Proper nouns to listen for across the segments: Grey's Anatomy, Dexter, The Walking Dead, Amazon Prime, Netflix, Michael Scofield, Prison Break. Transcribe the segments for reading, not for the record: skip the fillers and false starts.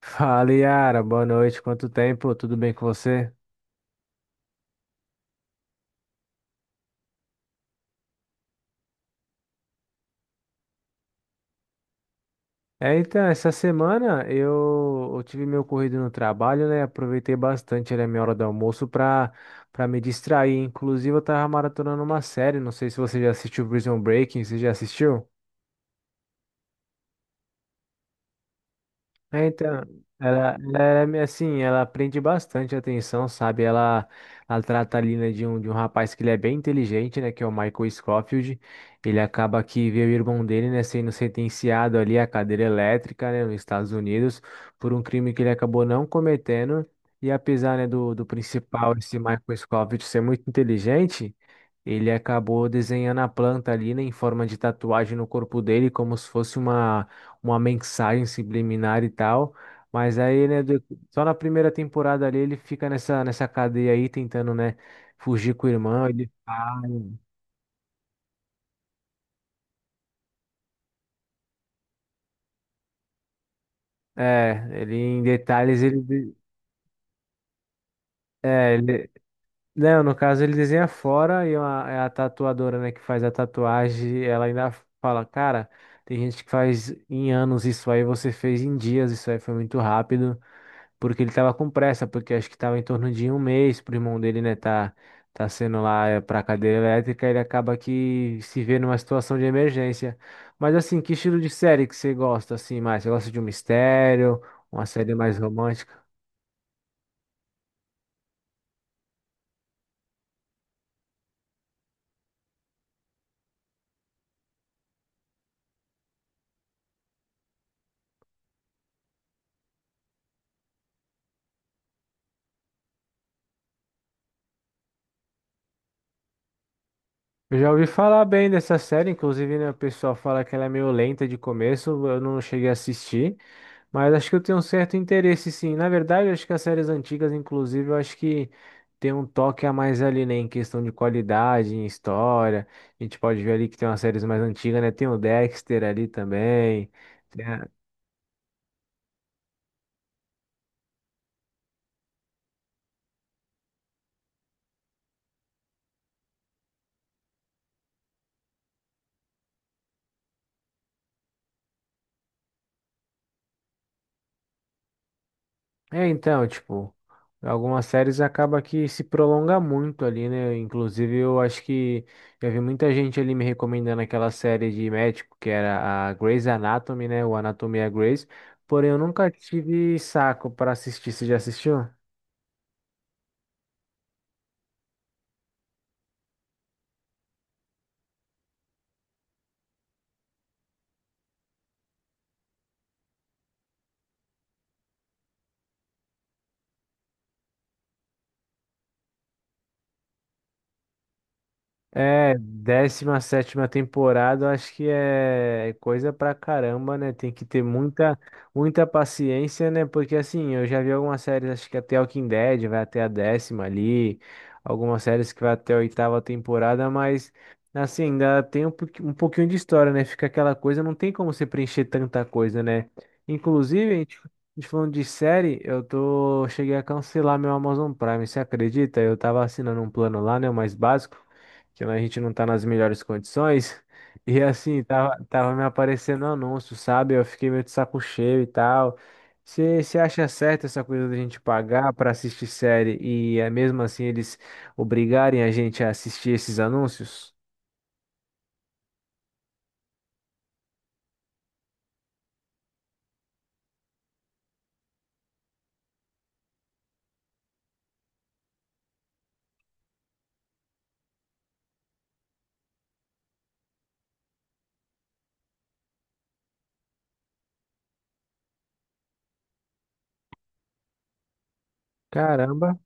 Fala, Yara. Boa noite. Quanto tempo? Tudo bem com você? É, então, essa semana eu tive meu corrido no trabalho, né? Aproveitei bastante, né, minha hora do almoço pra me distrair. Inclusive, eu tava maratonando uma série. Não sei se você já assistiu Prison Breaking. Você já assistiu? É, então, ela é meio assim, ela prende bastante atenção, sabe? Ela trata ali, né, de um rapaz que ele é bem inteligente, né, que é o Michael Scofield. Ele acaba que vê o irmão dele, né, sendo sentenciado ali à cadeira elétrica, né, nos Estados Unidos, por um crime que ele acabou não cometendo. E apesar, né, do principal, esse Michael Scofield, ser muito inteligente, ele acabou desenhando a planta ali, né, em forma de tatuagem no corpo dele, como se fosse uma mensagem subliminar e tal. Mas aí, né, só na primeira temporada ali ele fica nessa cadeia aí tentando, né, fugir com o irmão. É, ele em detalhes ele, de- é, não, no caso ele desenha fora e a tatuadora, né, que faz a tatuagem, ela ainda fala, cara, tem gente que faz em anos isso aí, você fez em dias, isso aí foi muito rápido. Porque ele tava com pressa, porque acho que tava em torno de um mês pro irmão dele, né, tá sendo lá pra cadeira elétrica, ele acaba que se vê numa situação de emergência. Mas assim, que estilo de série que você gosta, assim, mais? Você gosta de um mistério, uma série mais romântica? Eu já ouvi falar bem dessa série, inclusive, né, o pessoal fala que ela é meio lenta de começo, eu não cheguei a assistir. Mas acho que eu tenho um certo interesse, sim. Na verdade, acho que as séries antigas, inclusive, eu acho que tem um toque a mais ali, né? Em questão de qualidade, em história. A gente pode ver ali que tem umas séries mais antigas, né? Tem o Dexter ali também. É, então, tipo, algumas séries acaba que se prolonga muito ali, né? Inclusive, eu acho que já vi muita gente ali me recomendando aquela série de médico que era a Grey's Anatomy, né? O Anatomia Grey's. Porém, eu nunca tive saco para assistir. Você já assistiu? É, décima sétima temporada, eu acho que é coisa pra caramba, né? Tem que ter muita, muita paciência, né? Porque assim, eu já vi algumas séries, acho que até o Walking Dead vai até a décima ali, algumas séries que vai até a oitava temporada, mas assim, ainda tem um, um pouquinho de história, né? Fica aquela coisa, não tem como você preencher tanta coisa, né? Inclusive, a gente falando de série, eu tô, cheguei a cancelar meu Amazon Prime, você acredita? Eu tava assinando um plano lá, né? O mais básico que a gente não tá nas melhores condições. E assim, tava me aparecendo anúncio, sabe? Eu fiquei meio de saco cheio e tal. Você acha certo essa coisa da gente pagar pra assistir série e é mesmo assim eles obrigarem a gente a assistir esses anúncios? Caramba!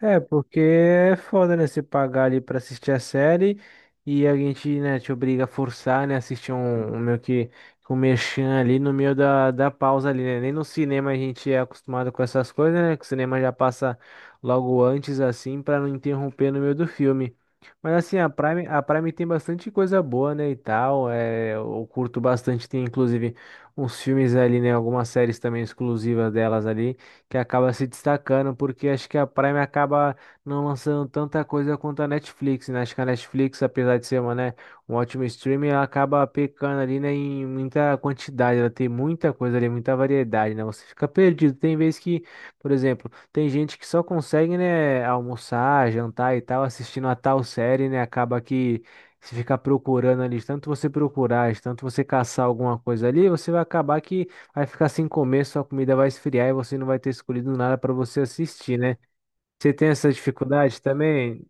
É, porque é foda, né? Você pagar ali pra assistir a série e a gente, né, te obriga a forçar, né? Assistir um meio que um merchan ali no meio da pausa ali, né? Nem no cinema a gente é acostumado com essas coisas, né? Que o cinema já passa logo antes, assim, pra não interromper no meio do filme. Mas assim, a Prime tem bastante coisa boa, né, e tal. É, eu curto bastante, tem inclusive uns filmes ali, né? Algumas séries também exclusivas delas ali que acaba se destacando, porque acho que a Prime acaba não lançando tanta coisa quanto a Netflix, né? Acho que a Netflix, apesar de ser uma, né, um ótimo streaming, ela acaba pecando ali, né, em muita quantidade, ela tem muita coisa ali, muita variedade, né? Você fica perdido. Tem vezes que, por exemplo, tem gente que só consegue, né, almoçar, jantar e tal, assistindo a tal série, né? Acaba que se ficar procurando ali, de tanto você procurar, de tanto você caçar alguma coisa ali, você vai acabar que vai ficar sem comer, sua comida vai esfriar e você não vai ter escolhido nada para você assistir, né? Você tem essa dificuldade também?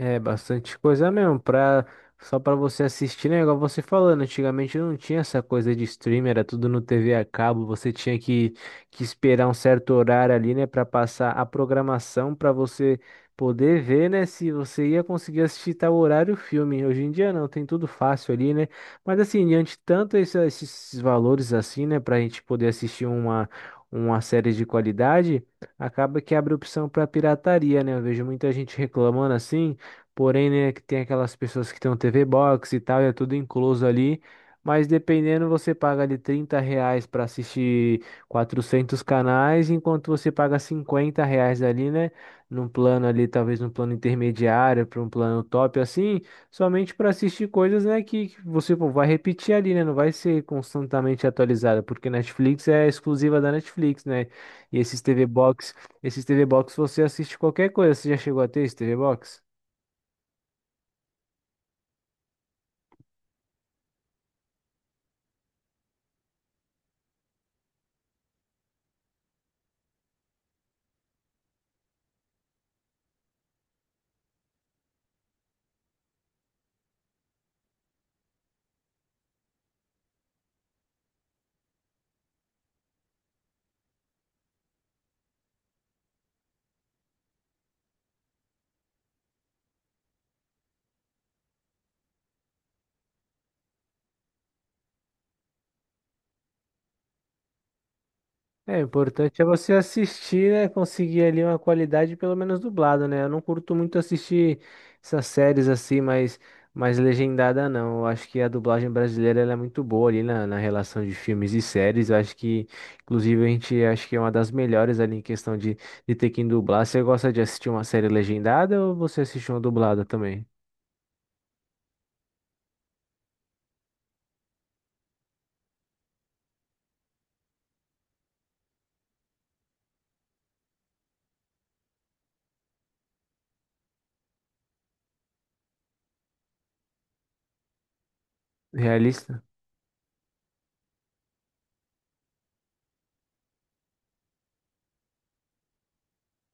É bastante coisa mesmo, pra, só pra você assistir, né? Igual você falando, antigamente não tinha essa coisa de streamer, era tudo no TV a cabo, você tinha que esperar um certo horário ali, né, pra passar a programação pra você poder ver, né, se você ia conseguir assistir tal horário o filme. Hoje em dia não, tem tudo fácil ali, né? Mas assim, diante de tanto esses valores assim, né, pra gente poder assistir uma série de qualidade, acaba que abre opção pra pirataria, né? Eu vejo muita gente reclamando assim. Porém, né, que tem aquelas pessoas que tem um TV Box e tal, e é tudo incluso ali. Mas dependendo, você paga ali R$ 30 para assistir 400 canais, enquanto você paga R$ 50 ali, né? Num plano ali, talvez num plano intermediário, para um plano top assim, somente para assistir coisas, né, que você pô, vai repetir ali, né? Não vai ser constantemente atualizada, porque Netflix é exclusiva da Netflix, né? E esses TV Box você assiste qualquer coisa. Você já chegou a ter esse TV Box? É, o importante é você assistir, né? Conseguir ali uma qualidade, pelo menos dublado, né? Eu não curto muito assistir essas séries assim, mas mais legendada não. Eu acho que a dublagem brasileira ela é muito boa ali na, na relação de filmes e séries. Eu acho que, inclusive, a gente acho que é uma das melhores ali em questão de ter que dublar. Você gosta de assistir uma série legendada ou você assiste uma dublada também? Realista?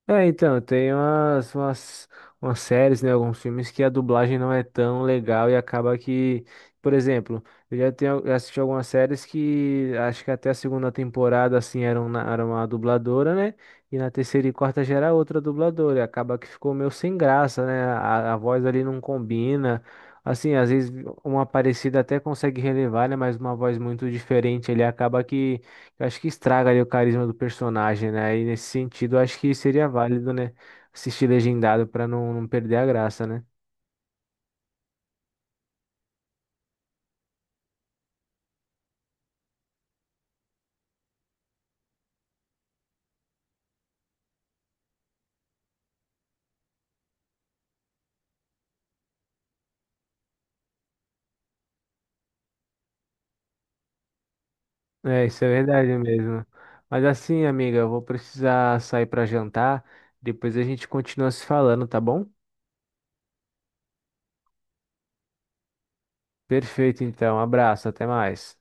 É, então, tem umas, umas, umas séries, né, alguns filmes que a dublagem não é tão legal e acaba que, por exemplo, eu já tenho, já assisti algumas séries que acho que até a segunda temporada, assim, era uma dubladora, né, e na terceira e quarta já era outra dubladora, e acaba que ficou meio sem graça, né, a voz ali não combina, assim, às vezes uma parecida até consegue relevar, né, mas uma voz muito diferente, ele acaba que eu acho que estraga ali o carisma do personagem, né? E nesse sentido, eu acho que seria válido, né? Assistir legendado pra não, não perder a graça, né? É, isso é verdade mesmo. Mas assim, amiga, eu vou precisar sair pra jantar. Depois a gente continua se falando, tá bom? Perfeito, então. Abraço, até mais.